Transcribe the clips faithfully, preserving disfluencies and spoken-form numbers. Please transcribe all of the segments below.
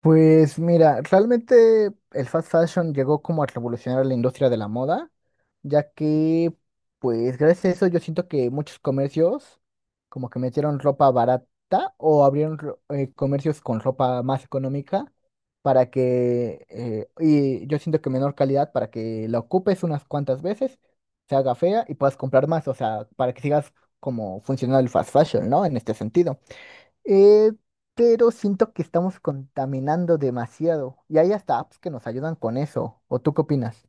Pues mira, realmente el fast fashion llegó como a revolucionar la industria de la moda, ya que pues gracias a eso yo siento que muchos comercios como que metieron ropa barata o abrieron ro- eh, comercios con ropa más económica para que, eh, y yo siento que menor calidad para que la ocupes unas cuantas veces, se haga fea y puedas comprar más, o sea, para que sigas como funcionando el fast fashion, ¿no? En este sentido. Eh, pero siento que estamos contaminando demasiado y hay hasta apps que nos ayudan con eso. ¿O tú qué opinas?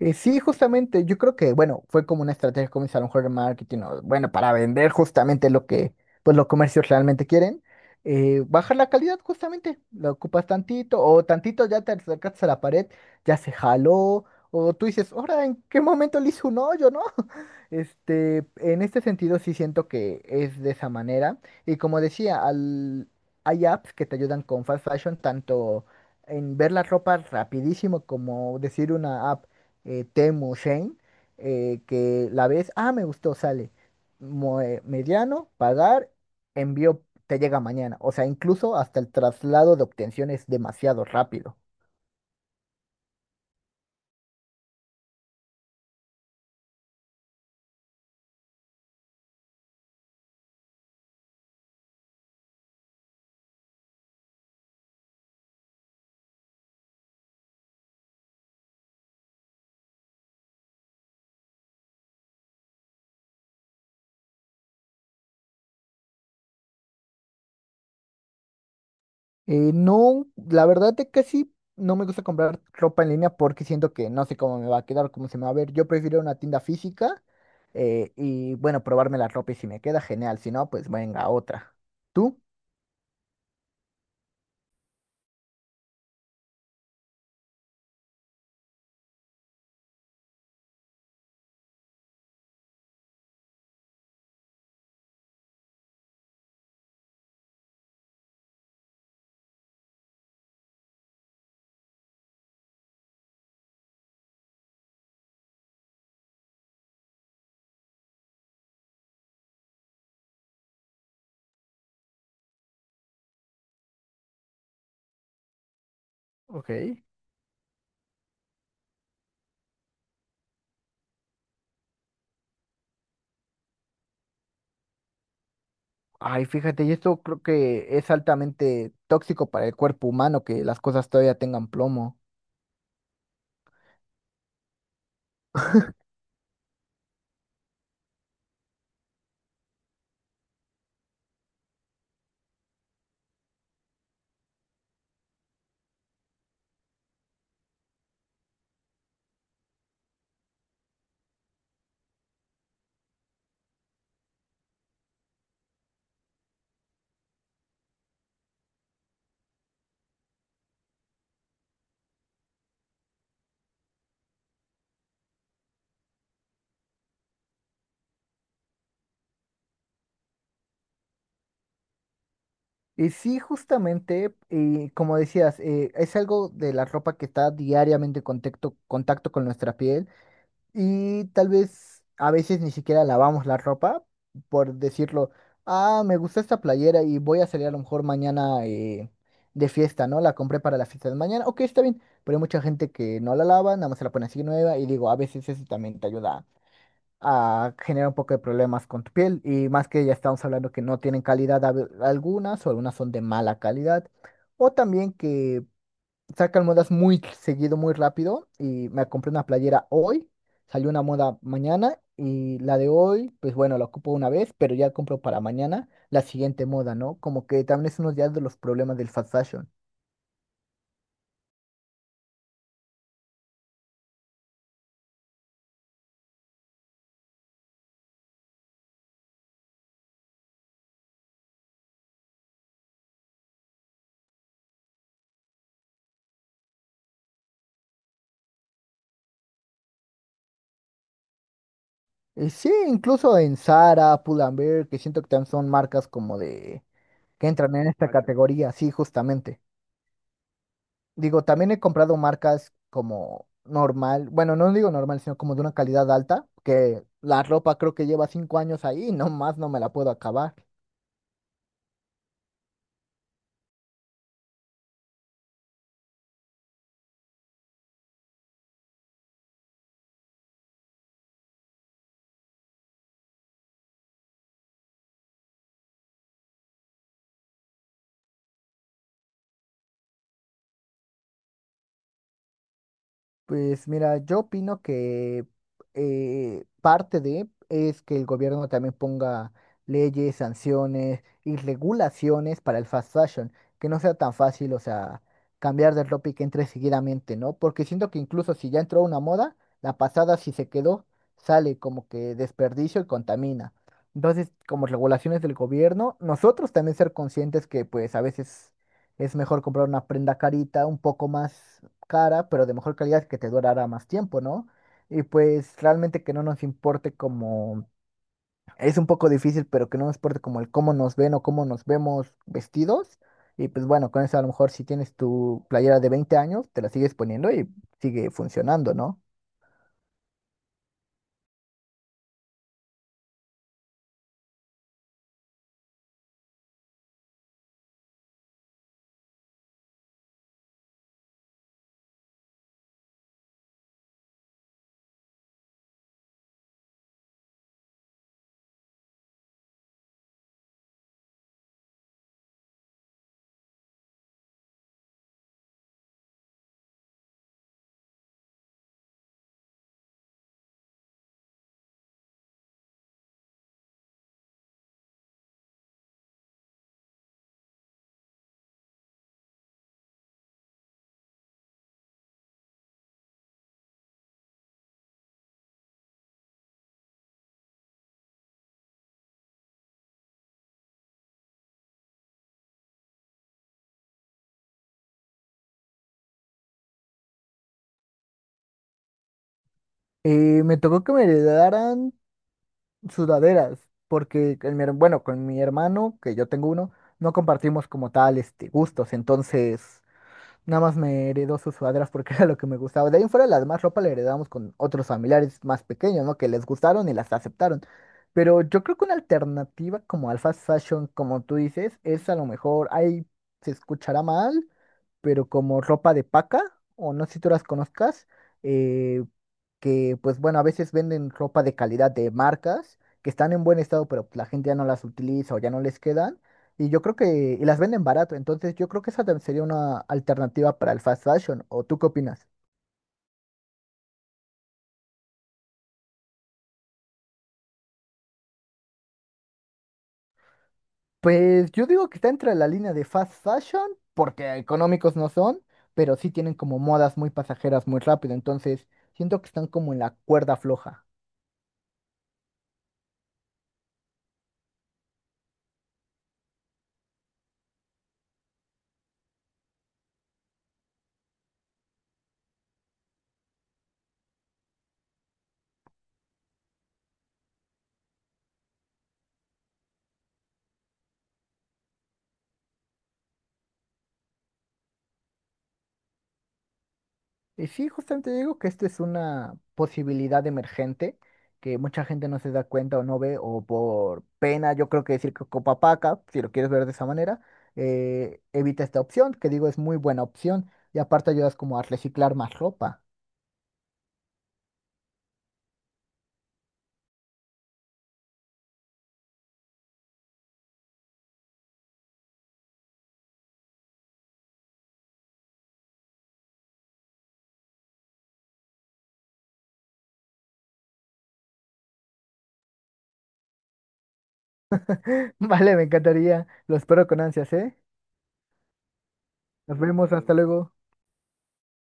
Eh, sí, justamente, yo creo que, bueno, fue como una estrategia como a lo mejor de marketing, o, bueno, para vender justamente lo que, pues los comercios realmente quieren, eh, bajar la calidad justamente, la ocupas tantito, o tantito ya te acercaste a la pared, ya se jaló, o tú dices, ahora, ¿en qué momento le hice un hoyo, no? Este, en este sentido sí siento que es de esa manera, y como decía, al, hay apps que te ayudan con fast fashion, tanto en ver la ropa rapidísimo como decir una app, eh, Temu, Shane, eh, que la ves, ah, me gustó, sale. mo- eh, Mediano, pagar, envío, te llega mañana. O sea, incluso hasta el traslado de obtención es demasiado rápido. Eh, no, la verdad es que sí, no me gusta comprar ropa en línea porque siento que no sé cómo me va a quedar, cómo se me va a ver. Yo prefiero una tienda física, eh, y bueno, probarme la ropa y si me queda genial, si no, pues venga otra. ¿Tú? Ok. Ay, fíjate, y esto creo que es altamente tóxico para el cuerpo humano que las cosas todavía tengan plomo. Y sí, justamente, y como decías, eh, es algo de la ropa que está diariamente en contacto, contacto con nuestra piel y tal vez a veces ni siquiera lavamos la ropa por decirlo, ah, me gusta esta playera y voy a salir a lo mejor mañana, eh, de fiesta, ¿no? La compré para la fiesta de mañana, ok, está bien, pero hay mucha gente que no la lava, nada más se la pone así nueva y digo, a veces eso también te ayuda, ah, genera un poco de problemas con tu piel y más que ya estamos hablando que no tienen calidad a ve- algunas o algunas son de mala calidad o también que sacan modas muy seguido, muy rápido y me compré una playera hoy, salió una moda mañana y la de hoy, pues bueno, la ocupo una vez, pero ya compro para mañana la siguiente moda, ¿no? Como que también es uno ya de los problemas del fast fashill. Y sí, incluso en Zara, Pull and Bear que siento que también son marcas como de que entran en esta, vale, categoría, sí, justamente. Digo, también he comprado marcas como normal, bueno, no digo normal, sino como de una calidad alta, que la ropa creo que lleva cinco años ahí y nomás no me la puedo acabar. Pues mira, yo opino que, eh, parte de es que el gobierno también ponga leyes, sanciones y regulaciones para el fast fashion, que no sea tan fácil, o sea, cambiar de ropa y que entre seguidamente, ¿no? Porque siento que incluso si ya entró una moda, la pasada si se quedó, sale como que desperdicio y contamina. Entonces, como regulaciones del gobierno, nosotros también ser conscientes que pues a veces es mejor comprar una prenda carita, un poco más cara, pero de mejor calidad que te durará más tiempo, ¿no? Y pues realmente que no nos importe como, es un poco difícil, pero que no nos importe como el cómo nos ven o cómo nos vemos vestidos. Y pues bueno, con eso a lo mejor si tienes tu playera de veinte años, te la sigues poniendo y sigue funcionando, ¿no? Y me tocó que me heredaran sudaderas, porque con mi her- bueno, con mi hermano, que yo tengo uno, no compartimos como tal este gustos, entonces nada más me heredó sus sudaderas porque era lo que me gustaba. De ahí en fuera, la demás ropa la heredamos con otros familiares más pequeños, ¿no? Que les gustaron y las aceptaron. Pero yo creo que una alternativa como al fast fashion, como tú dices, es a lo mejor, ahí se escuchará mal, pero como ropa de paca, o no sé si tú las conozcas, eh, que pues bueno, a veces venden ropa de calidad de marcas que están en buen estado, pero la gente ya no las utiliza o ya no les quedan. Y yo creo que, y las venden barato, entonces yo creo que esa tam- sería una alternativa para el fast fashion. ¿O tú qué opinas? Pues yo digo que está entre la línea de fast fashion, porque económicos no son, pero sí tienen como modas muy pasajeras muy rápido, entonces siento que están como en la cuerda floja. Y sí, justamente digo que esto es una posibilidad emergente que mucha gente no se da cuenta o no ve, o por pena, yo creo que decir que Copapaca, si lo quieres ver de esa manera, eh, evita esta opción, que digo es muy buena opción, y aparte ayudas como a reciclar más ropa. Vale, me encantaría, lo espero con ansias, ¿eh? Nos vemos, hasta luego.